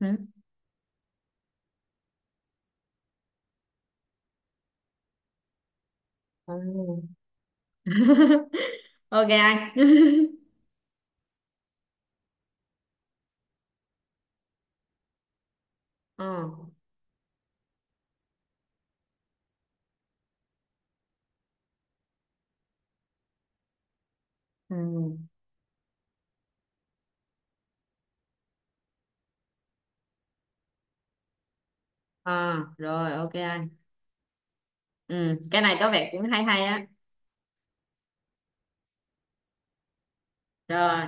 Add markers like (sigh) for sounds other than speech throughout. Ừ. Ừ. (laughs) ok anh (laughs) ừ. Ừ. À, rồi ok anh ừ. Cái này có vẻ cũng hay hay á. Rồi,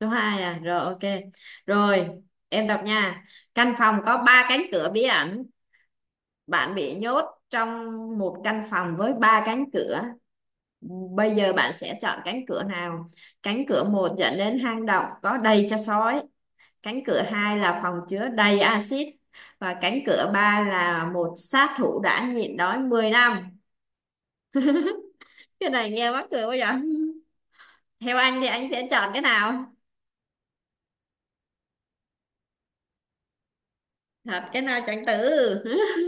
số hai à? Rồi ok, rồi em đọc nha. Căn phòng có ba cánh cửa bí ẩn. Bạn bị nhốt trong một căn phòng với ba cánh cửa. Bây giờ bạn sẽ chọn cánh cửa nào? Cánh cửa một dẫn đến hang động có đầy cho sói, cánh cửa hai là phòng chứa đầy axit, và cánh cửa ba là một sát thủ đã nhịn đói 10 năm. Cái này nghe mắc cười quá vậy. Theo anh thì anh sẽ chọn cái nào? Thật, cái nào chọn tử (laughs)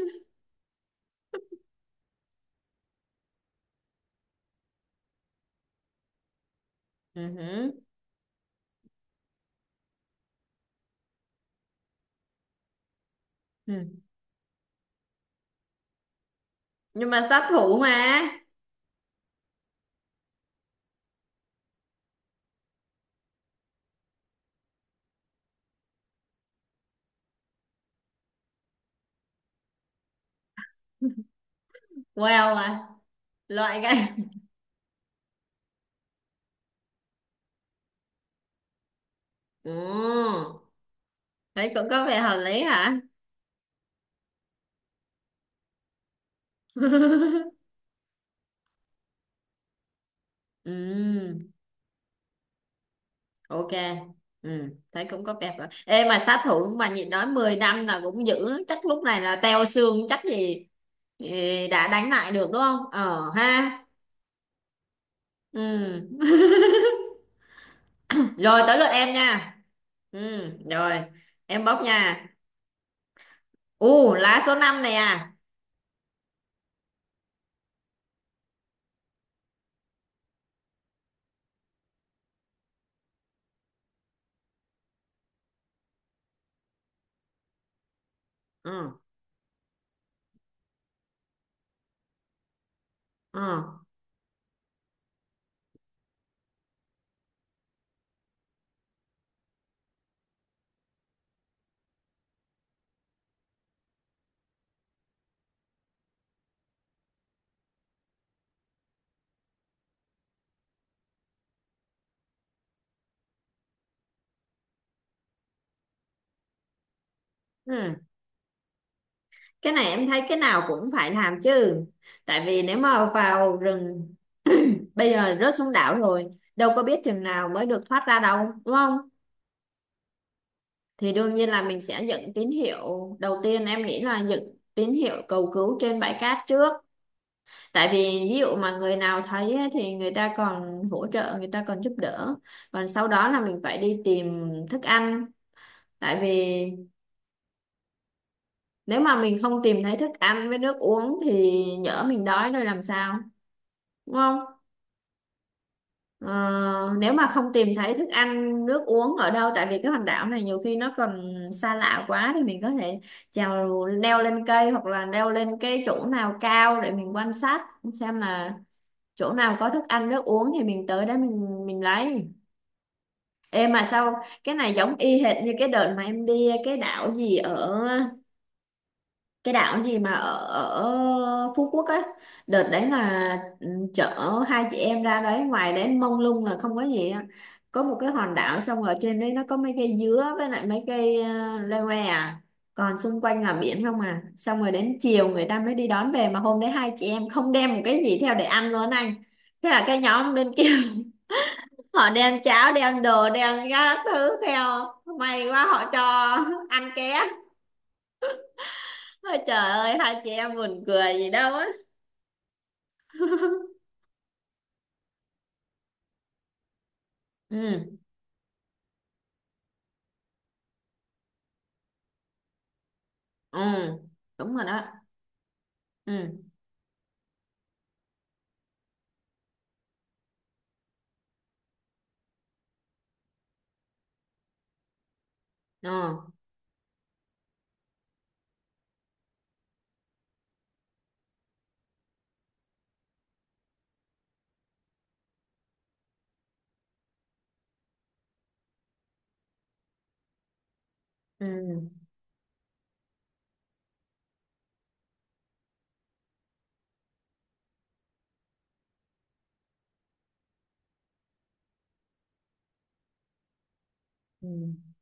Ừ hử. Ừ. Nhưng mà sát thủ mà. well à loại cái. Ừ. Thấy cũng có vẻ hợp lý hả. (laughs) Ừ. Ok. Ừ, thấy cũng có vẻ. Rồi ê mà sát thủ mà nhịn nói 10 năm là cũng dữ lắm. Chắc lúc này là teo xương chắc gì, gì đã đánh lại được đúng không? Ờ ha. Ừ. Rồi tới lượt em nha. Ừ, rồi em bóc nha. U, lá số 5 này à. Ừ, ừ, ừ. Cái này em thấy cái nào cũng phải làm chứ. Tại vì nếu mà vào rừng, (clears throat) bây giờ rớt xuống đảo rồi, đâu có biết chừng nào mới được thoát ra đâu đúng không? Thì đương nhiên là mình sẽ dựng tín hiệu đầu tiên. Em nghĩ là dựng tín hiệu cầu cứu trên bãi cát trước, tại vì ví dụ mà người nào thấy ấy, thì người ta còn hỗ trợ, người ta còn giúp đỡ. Còn sau đó là mình phải đi tìm thức ăn, tại vì nếu mà mình không tìm thấy thức ăn với nước uống thì nhỡ mình đói rồi làm sao, đúng không? Ờ, nếu mà không tìm thấy thức ăn nước uống ở đâu, tại vì cái hòn đảo này nhiều khi nó còn xa lạ quá, thì mình có thể trèo leo lên cây hoặc là leo lên cái chỗ nào cao để mình quan sát xem là chỗ nào có thức ăn nước uống thì mình tới đó mình lấy. Ê mà sao cái này giống y hệt như cái đợt mà em đi cái đảo gì ở, cái đảo gì mà ở, ở Phú Quốc á. Đợt đấy là, ừ, chở hai chị em ra đấy, ngoài đấy mông lung là không có gì á. Có một cái hòn đảo xong ở trên đấy nó có mấy cây dứa với lại mấy cây leo que à, còn xung quanh là biển không à. Xong rồi đến chiều người ta mới đi đón về, mà hôm đấy hai chị em không đem một cái gì theo để ăn luôn anh. Thế là cái nhóm bên kia (laughs) họ đem cháo, đem đồ, đem các thứ theo. May quá họ cho (laughs) ăn ké. Ôi trời ơi, hai chị em buồn cười gì đâu á. Ừ. Ừ, đúng rồi đó. Ừ. Ừ. Ừ. Ừ.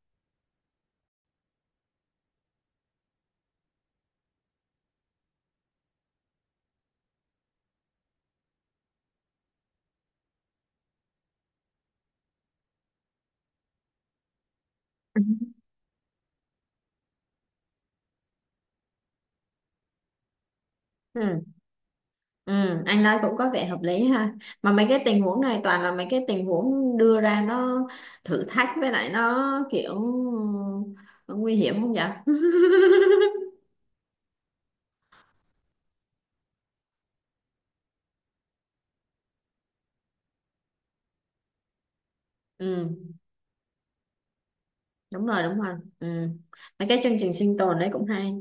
Ừ. Ừ. Anh nói cũng có vẻ hợp lý ha. Mà mấy cái tình huống này toàn là mấy cái tình huống đưa ra nó thử thách, với lại nó kiểu nó nguy hiểm không vậy. (laughs) Ừ, đúng rồi, đúng rồi. Ừ, mấy cái chương trình sinh tồn đấy cũng hay.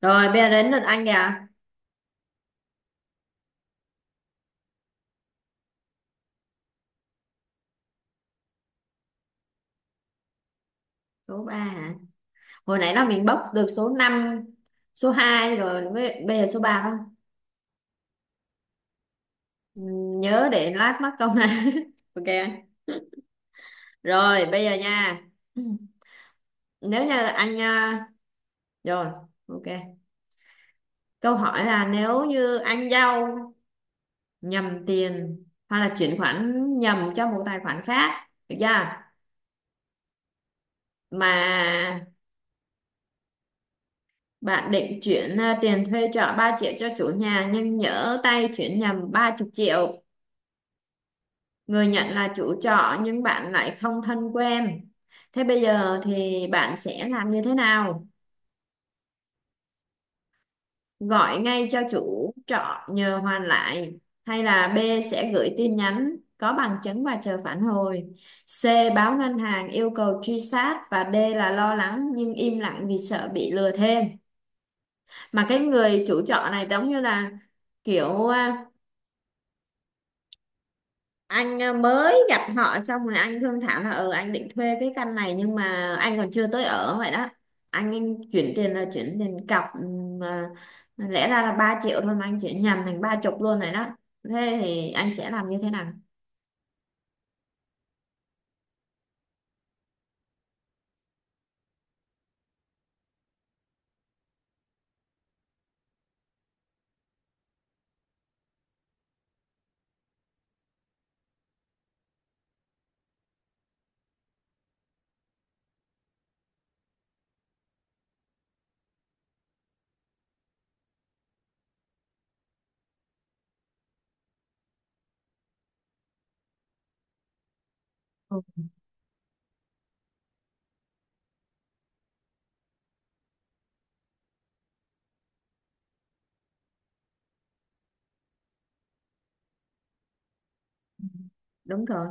Rồi bây giờ đến lượt anh kìa. Số ba hả? Hồi nãy là mình bốc được số 5, số 2 rồi, với- bây giờ số 3. Ừ, nhớ để lát mắc công này. (laughs) Ok, rồi bây giờ nha. Nếu như anh rồi ok, câu hỏi là nếu như anh giao nhầm tiền hoặc là chuyển khoản nhầm cho một tài khoản khác được chưa, mà bạn định chuyển tiền thuê trọ 3 triệu cho chủ nhà, nhưng nhỡ tay chuyển nhầm ba chục triệu. Người nhận là chủ trọ nhưng bạn lại không thân quen. Thế bây giờ thì bạn sẽ làm như thế nào? Gọi ngay cho chủ trọ nhờ hoàn lại, hay là B, sẽ gửi tin nhắn có bằng chứng và chờ phản hồi, C, báo ngân hàng yêu cầu truy sát, và D là lo lắng nhưng im lặng vì sợ bị lừa thêm. Mà cái người chủ trọ này giống như là kiểu anh mới gặp họ xong, rồi anh thương thảo là ừ anh định thuê cái căn này nhưng mà anh còn chưa tới ở vậy đó. Anh chuyển tiền là chuyển tiền cọc, mà lẽ ra là 3 triệu thôi mà anh chuyển nhầm thành ba chục luôn rồi đó. Thế thì anh sẽ làm như thế nào? Đúng rồi.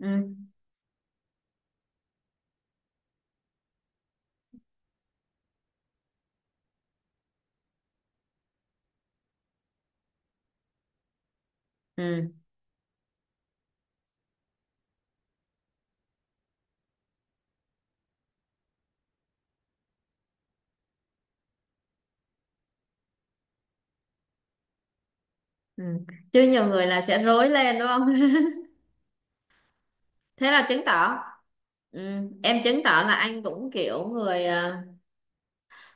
Ừ. Ừ. Ừ. Chứ nhiều người là sẽ rối lên đúng không. (laughs) Thế là chứng tỏ, ừ, em chứng tỏ là anh cũng kiểu người ờ,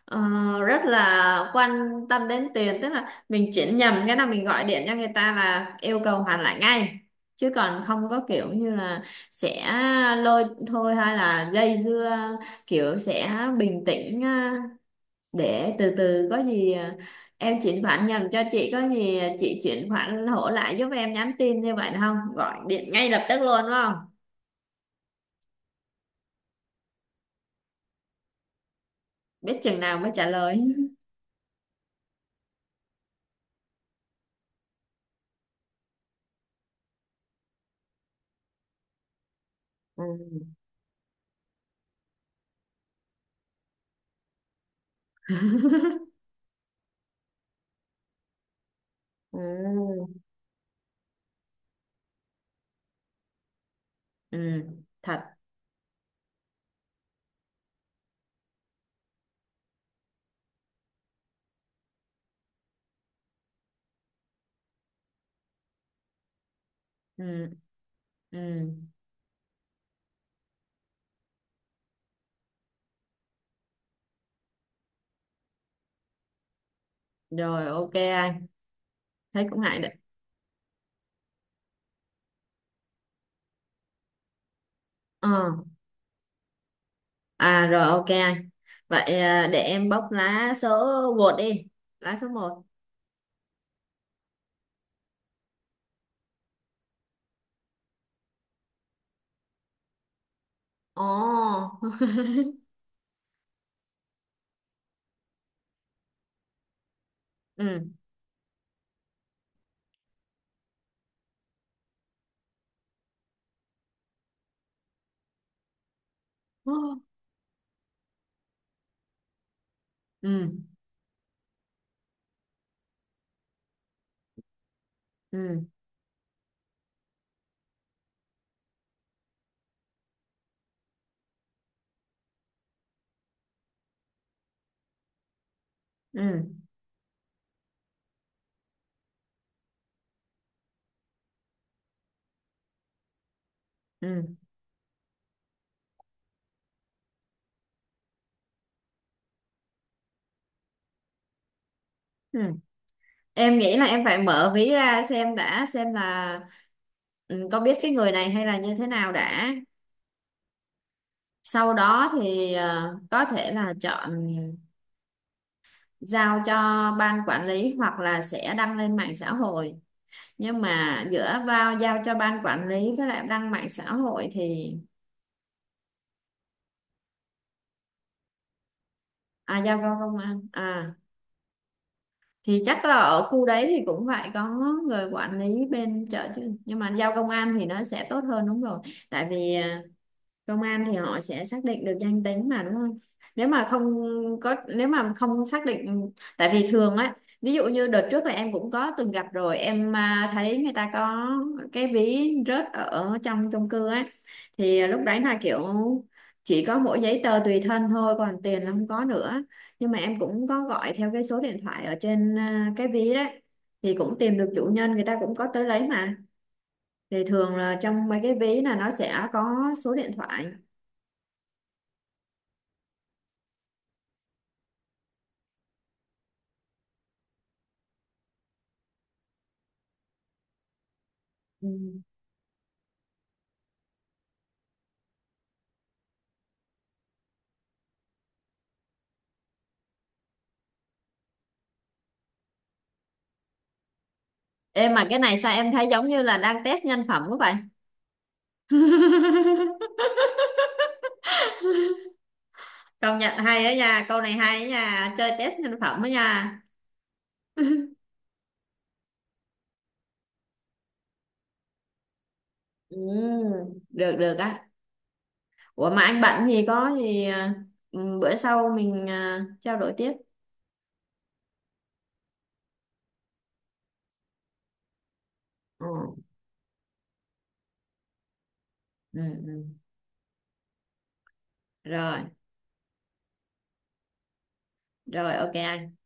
ờ, rất là quan tâm đến tiền, tức là mình chuyển nhầm cái là mình gọi điện cho người ta là yêu cầu hoàn lại ngay, chứ còn không có kiểu như là sẽ lôi thôi hay là dây dưa, kiểu sẽ bình tĩnh để từ từ có gì em chuyển khoản nhầm cho chị, có gì chị chuyển khoản hỗ lại giúp em, nhắn tin như vậy được không, gọi điện ngay lập tức luôn đúng không, biết chừng nào mới trả lời. (laughs) Ừ. Ừ. Ừ, thật. Ừ. Ừ. Rồi ok anh, thấy cũng ngại đấy. Ờ, à rồi ok anh. Vậy để em bóc lá số một đi, lá số một. Ồ. (laughs) Ừ. Ừ. Ừ. Ừ. Ừ. Ừ. Ừ. Em nghĩ là em phải mở ví ra xem đã, xem là, ừ, có biết cái người này hay là như thế nào đã. Sau đó thì ờ, có thể là chọn giao cho ban quản lý hoặc là sẽ đăng lên mạng xã hội. Nhưng mà giữa vào giao cho ban quản lý với lại đăng mạng xã hội thì, à giao cho công an à? Thì chắc là ở khu đấy thì cũng phải có người quản lý bên chợ chứ, nhưng mà giao công an thì nó sẽ tốt hơn, đúng rồi. Tại vì công an thì họ sẽ xác định được danh tính mà đúng không. Nếu mà không có, nếu mà không xác định, tại vì thường á, ví dụ như đợt trước là em cũng có từng gặp rồi. Em thấy người ta có cái ví rớt ở trong chung cư á, thì lúc đấy là kiểu chỉ có mỗi giấy tờ tùy thân thôi, còn tiền là không có nữa. Nhưng mà em cũng có gọi theo cái số điện thoại ở trên cái ví đấy, thì cũng tìm được chủ nhân, người ta cũng có tới lấy mà. Thì thường là trong mấy cái ví là nó sẽ có số điện thoại. Ừ. Em mà cái này sao em thấy giống như là đang test nhân phẩm của vậy? (laughs) Công nhận hay ấy nha, câu này hay á nha, chơi test nhân phẩm ấy nha. Ừ, được được á. Ủa mà anh bận gì có gì ừ, bữa sau mình trao đổi tiếp. Ừ. Ừ, ừ. Rồi, rồi ok anh.